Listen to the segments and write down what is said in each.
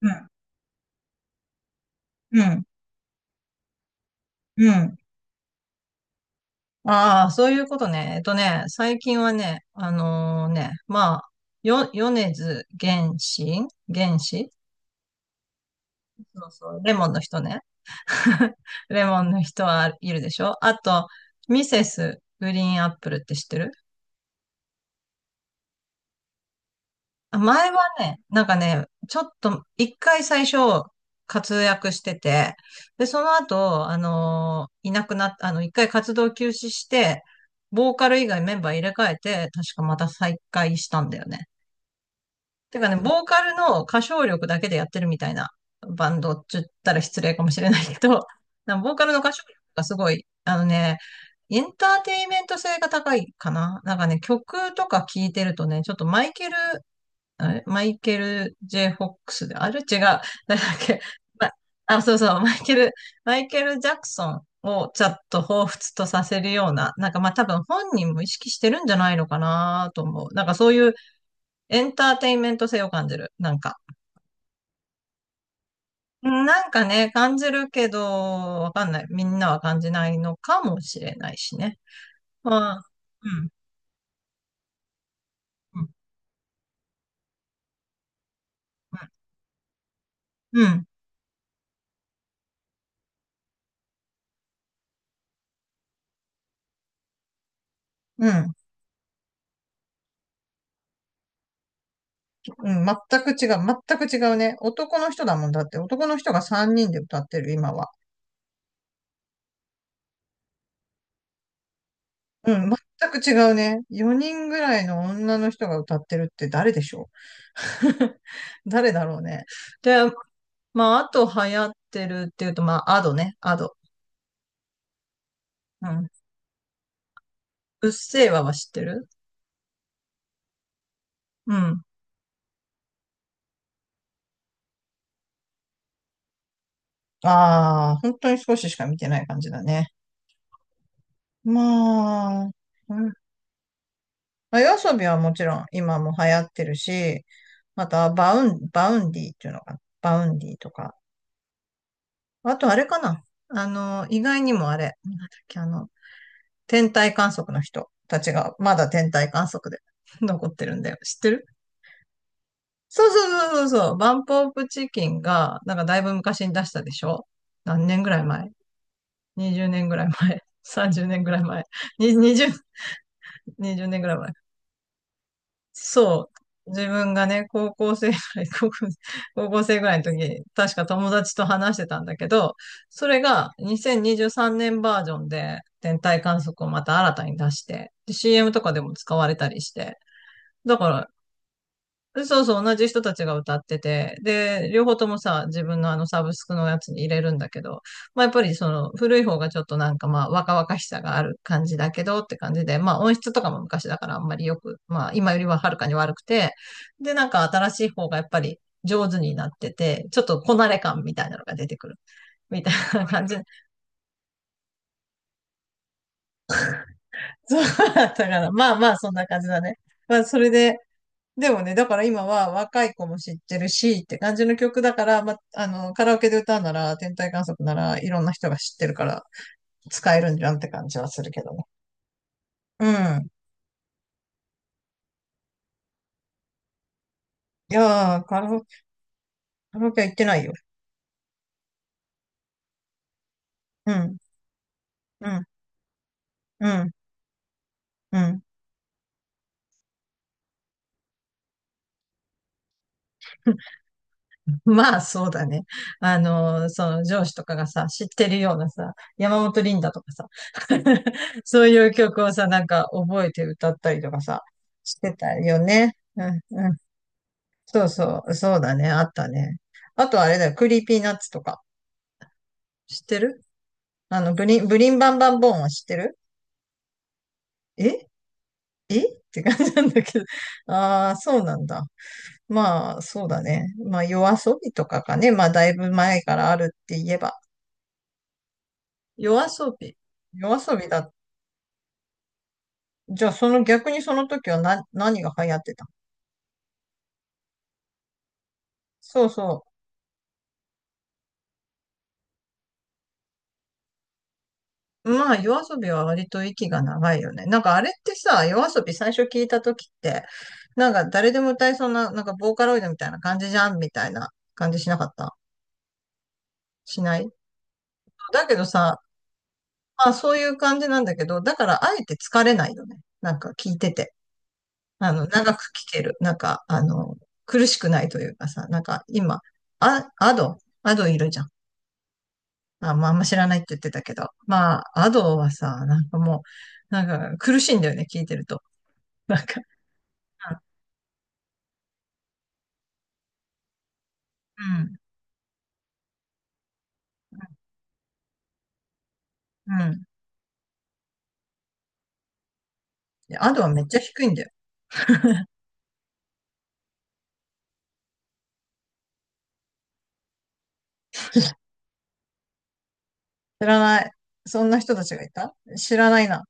うん、うん、うん。ああ、そういうことね。最近はね、米津玄師玄師。そうそう、レモンの人ね。レモンの人はいるでしょ。あと、ミセスグリーンアップルって知ってる？あ、前はね、ちょっと、一回最初、活躍してて、で、その後、いなくなっ、あの、一回活動休止して、ボーカル以外メンバー入れ替えて、確かまた再開したんだよね。てかね、ボーカルの歌唱力だけでやってるみたいなバンドって言ったら失礼かもしれないけど、なんかボーカルの歌唱力がすごい、エンターテイメント性が高いかな。なんかね、曲とか聴いてるとね、ちょっとマイケル、あれ、マイケル・ J・フォックスで、あれ違う。誰だっけ、まそうそう、マイケル・ジャクソンをちょっと彷彿とさせるような、なんかまあ多分本人も意識してるんじゃないのかなと思う。なんかそういうエンターテインメント性を感じる。なんか。なんかね、感じるけど、わかんない。みんなは感じないのかもしれないしね。まあ、うん、うん、うん、うん。うんうん、全く違う、全く違うね。男の人だもんだって、男の人が3人で歌ってる、今は。うん、全く違うね。4人ぐらいの女の人が歌ってるって誰でしょう。 誰だろうね。で、まあ、あと流行ってるっていうと、まあ、アドね、アド。うん。うっせぇわは知ってる？うん。ああ、本当に少ししか見てない感じだね。まあ、うん。まあ、夜遊びはもちろん今も流行ってるし、またバウンディっていうのかな、バウンディとか。あとあれかな。意外にもあれ、なんだっけ、天体観測の人たちがまだ天体観測で 残ってるんだよ。知ってる？そうそうそうそうそう。バンプオブチキンが、なんかだいぶ昔に出したでしょ。何年ぐらい前？ 20 年ぐらい前？ 30 年 ぐらい前に? 20年ぐらい。そう。自分がね、高校生ぐらい、高校、高校生ぐらいの時に、確か友達と話してたんだけど、それが2023年バージョンで天体観測をまた新たに出して、で CM とかでも使われたりして、だかそうそう、同じ人たちが歌ってて、で、両方ともさ、自分のあのサブスクのやつに入れるんだけど、まあやっぱりその古い方がちょっとなんかまあ若々しさがある感じだけどって感じで、まあ音質とかも昔だからあんまりよく、まあ今よりははるかに悪くて、で、なんか新しい方がやっぱり上手になってて、ちょっとこなれ感みたいなのが出てくる。みたいな感じ。そうだったから、まあまあそんな感じだね。まあそれで、でもね、だから今は若い子も知ってるしって感じの曲だから、ま、カラオケで歌うなら、天体観測ならいろんな人が知ってるから使えるんじゃんって感じはするけどね。うん。いやー、カラオケ、カラオケは行ってないよ。うん、うん、うん、うん。まあそうだね。あのその上司とかがさ、知ってるようなさ、山本リンダとかさ、そういう曲をさ、なんか覚えて歌ったりとかさ、してたよね。うん、うん。そうそう、そうだね、あったね。あとあれだよ、クリーピーナッツとか。知ってる？あの、ブリンバンバンボーンは知ってる？えって感じなんだけど。ああ、そうなんだ。まあ、そうだね。まあ、夜遊びとかかね。まあ、だいぶ前からあるって言えば。夜遊び。夜遊びだ。じゃあ、その逆にその時はな、何が流行ってた？そうそう。まあ、夜遊びは割と息が長いよね。なんかあれってさ、夜遊び最初聞いた時って、なんか誰でも歌いそうな、なんかボーカロイドみたいな感じじゃんみたいな感じしなかった？しない？だけどさ、まあそういう感じなんだけど、だからあえて疲れないよね。なんか聞いてて。あの、長く聞ける。苦しくないというかさ、なんか今、あ、アド、アドいるじゃん。あ、まあ、あんま知らないって言ってたけど。まあ、アドはさ、なんかもう、なんか苦しいんだよね、聞いてると。なんかうん、うん。うんいやアドはめっちゃ低いんだよ。知らない。そんな人たちがいた、知らないな。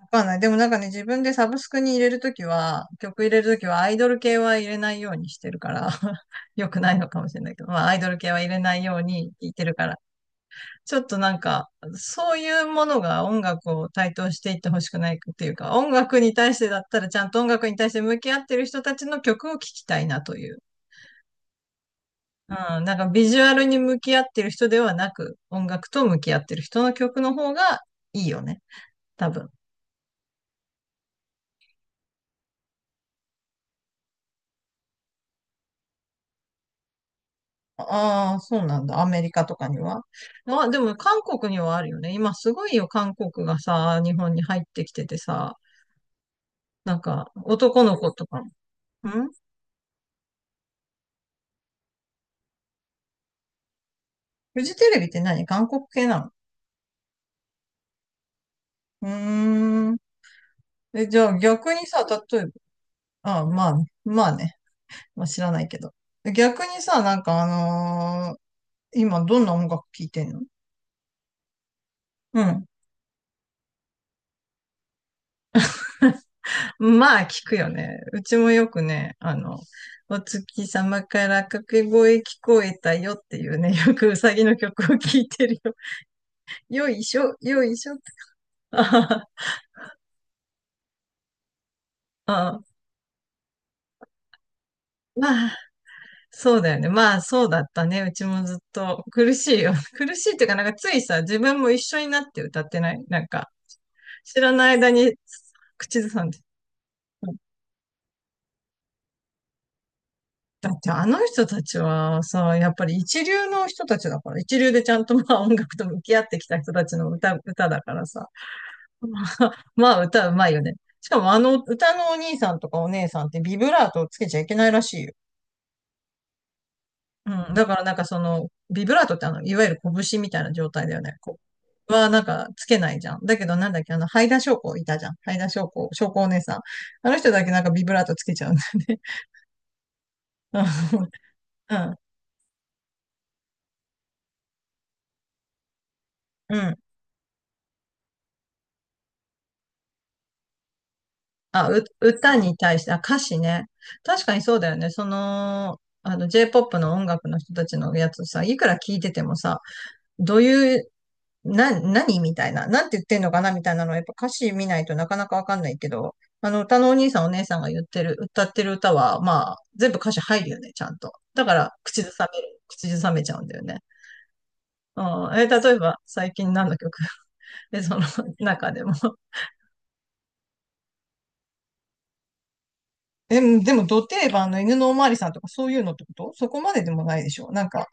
わかんない。でもなんかね、自分でサブスクに入れるときは、曲入れるときはアイドル系は入れないようにしてるから、よくないのかもしれないけど、まあアイドル系は入れないように聞いてるから、ちょっとなんか、そういうものが音楽を台頭していってほしくないっていうか、音楽に対してだったらちゃんと音楽に対して向き合ってる人たちの曲を聴きたいなという。うん、なんかビジュアルに向き合ってる人ではなく、音楽と向き合ってる人の曲の方がいいよね。多分。ああ、そうなんだ。アメリカとかには。まあ、でも韓国にはあるよね。今すごいよ、韓国がさ、日本に入ってきててさ、なんか男の子とかも。んフジテレビって何、韓国系なの？うーん。え、じゃあ逆にさ、例えば、あ、まあ、まあね。まあ知らないけど。逆にさ、のー今どんな音楽聴いてんの？うん。まあ聞くよね。うちもよくね、あの、お月様から掛け声聞こえたよっていうね、よくうさぎの曲を聴いてるよ。よいしょ、よいしょって。ああ、あまあ、そうだよね。まあ、そうだったね。うちもずっと苦しいよ。苦しいっていうか、なんかついさ、自分も一緒になって歌ってない。なんか、知らない間に口ずさんで。だってあの人たちはさ、やっぱり一流の人たちだから、一流でちゃんとまあ音楽と向き合ってきた人たちの歌だからさ。まあ、まあ歌うまいよね。しかもあの歌のお兄さんとかお姉さんってビブラートをつけちゃいけないらしいよ。うん。だからなんかその、ビブラートってあの、いわゆる拳みたいな状態だよね。こうはなんかつけないじゃん。だけどなんだっけ、あの、ハイダ翔子いたじゃん。ハイダ翔子、翔子お姉さん。あの人だけなんかビブラートつけちゃうんだよね。うん。うん。うんあ、歌に対して、あ、歌詞ね。確かにそうだよね。J-POP の音楽の人たちのやつさ、いくら聞いててもさ、どういう、な、何みたいな、なんて言ってんのかなみたいなのは、やっぱ歌詞見ないとなかなかわかんないけど、あの、歌のお兄さんお姉さんが言ってる、歌ってる歌は、まあ、全部歌詞入るよね、ちゃんと。だから、口ずさめる。口ずさめちゃうんだよね。うん。え、例えば、最近何の曲？ え、その中でも。え、でも、ど定番の犬のおまわりさんとかそういうのってことそこまででもないでしょ。なんか、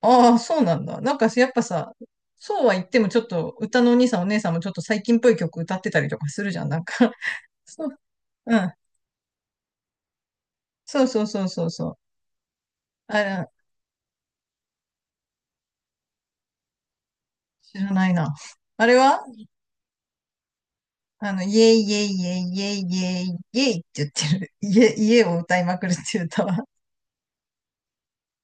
ああ、そうなんだ。なんか、やっぱさ、そうは言ってもちょっと、歌のお兄さんお姉さんもちょっと最近っぽい曲歌ってたりとかするじゃん。そう、うん。そうそうそうそうそう。あれ、知らないな。あれはあの、イエイイエイイエイイエイイエイイエイって言ってる。家を歌いまくるっていう歌は。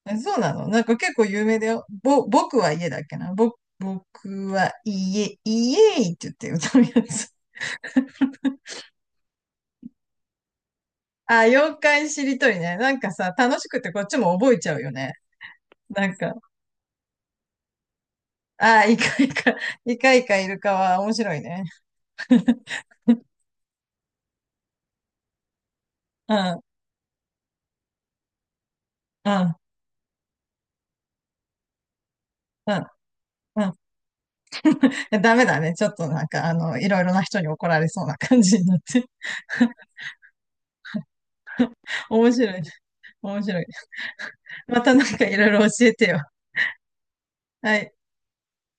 えそうなの？なんか結構有名だよ。僕は家だっけな。僕は家、イエイイエイって言って歌うやつ。あ、妖怪しりとりね。なんかさ、楽しくてこっちも覚えちゃうよね。なんか、あ、イカイカ、イカイカイルカは面白いね。うん、うん、うん、うん。いやダメだね。ちょっとなんか、あの、いろいろな人に怒られそうな感じになって。面白い、面白い。またなんかいろいろ教えてよ。はい。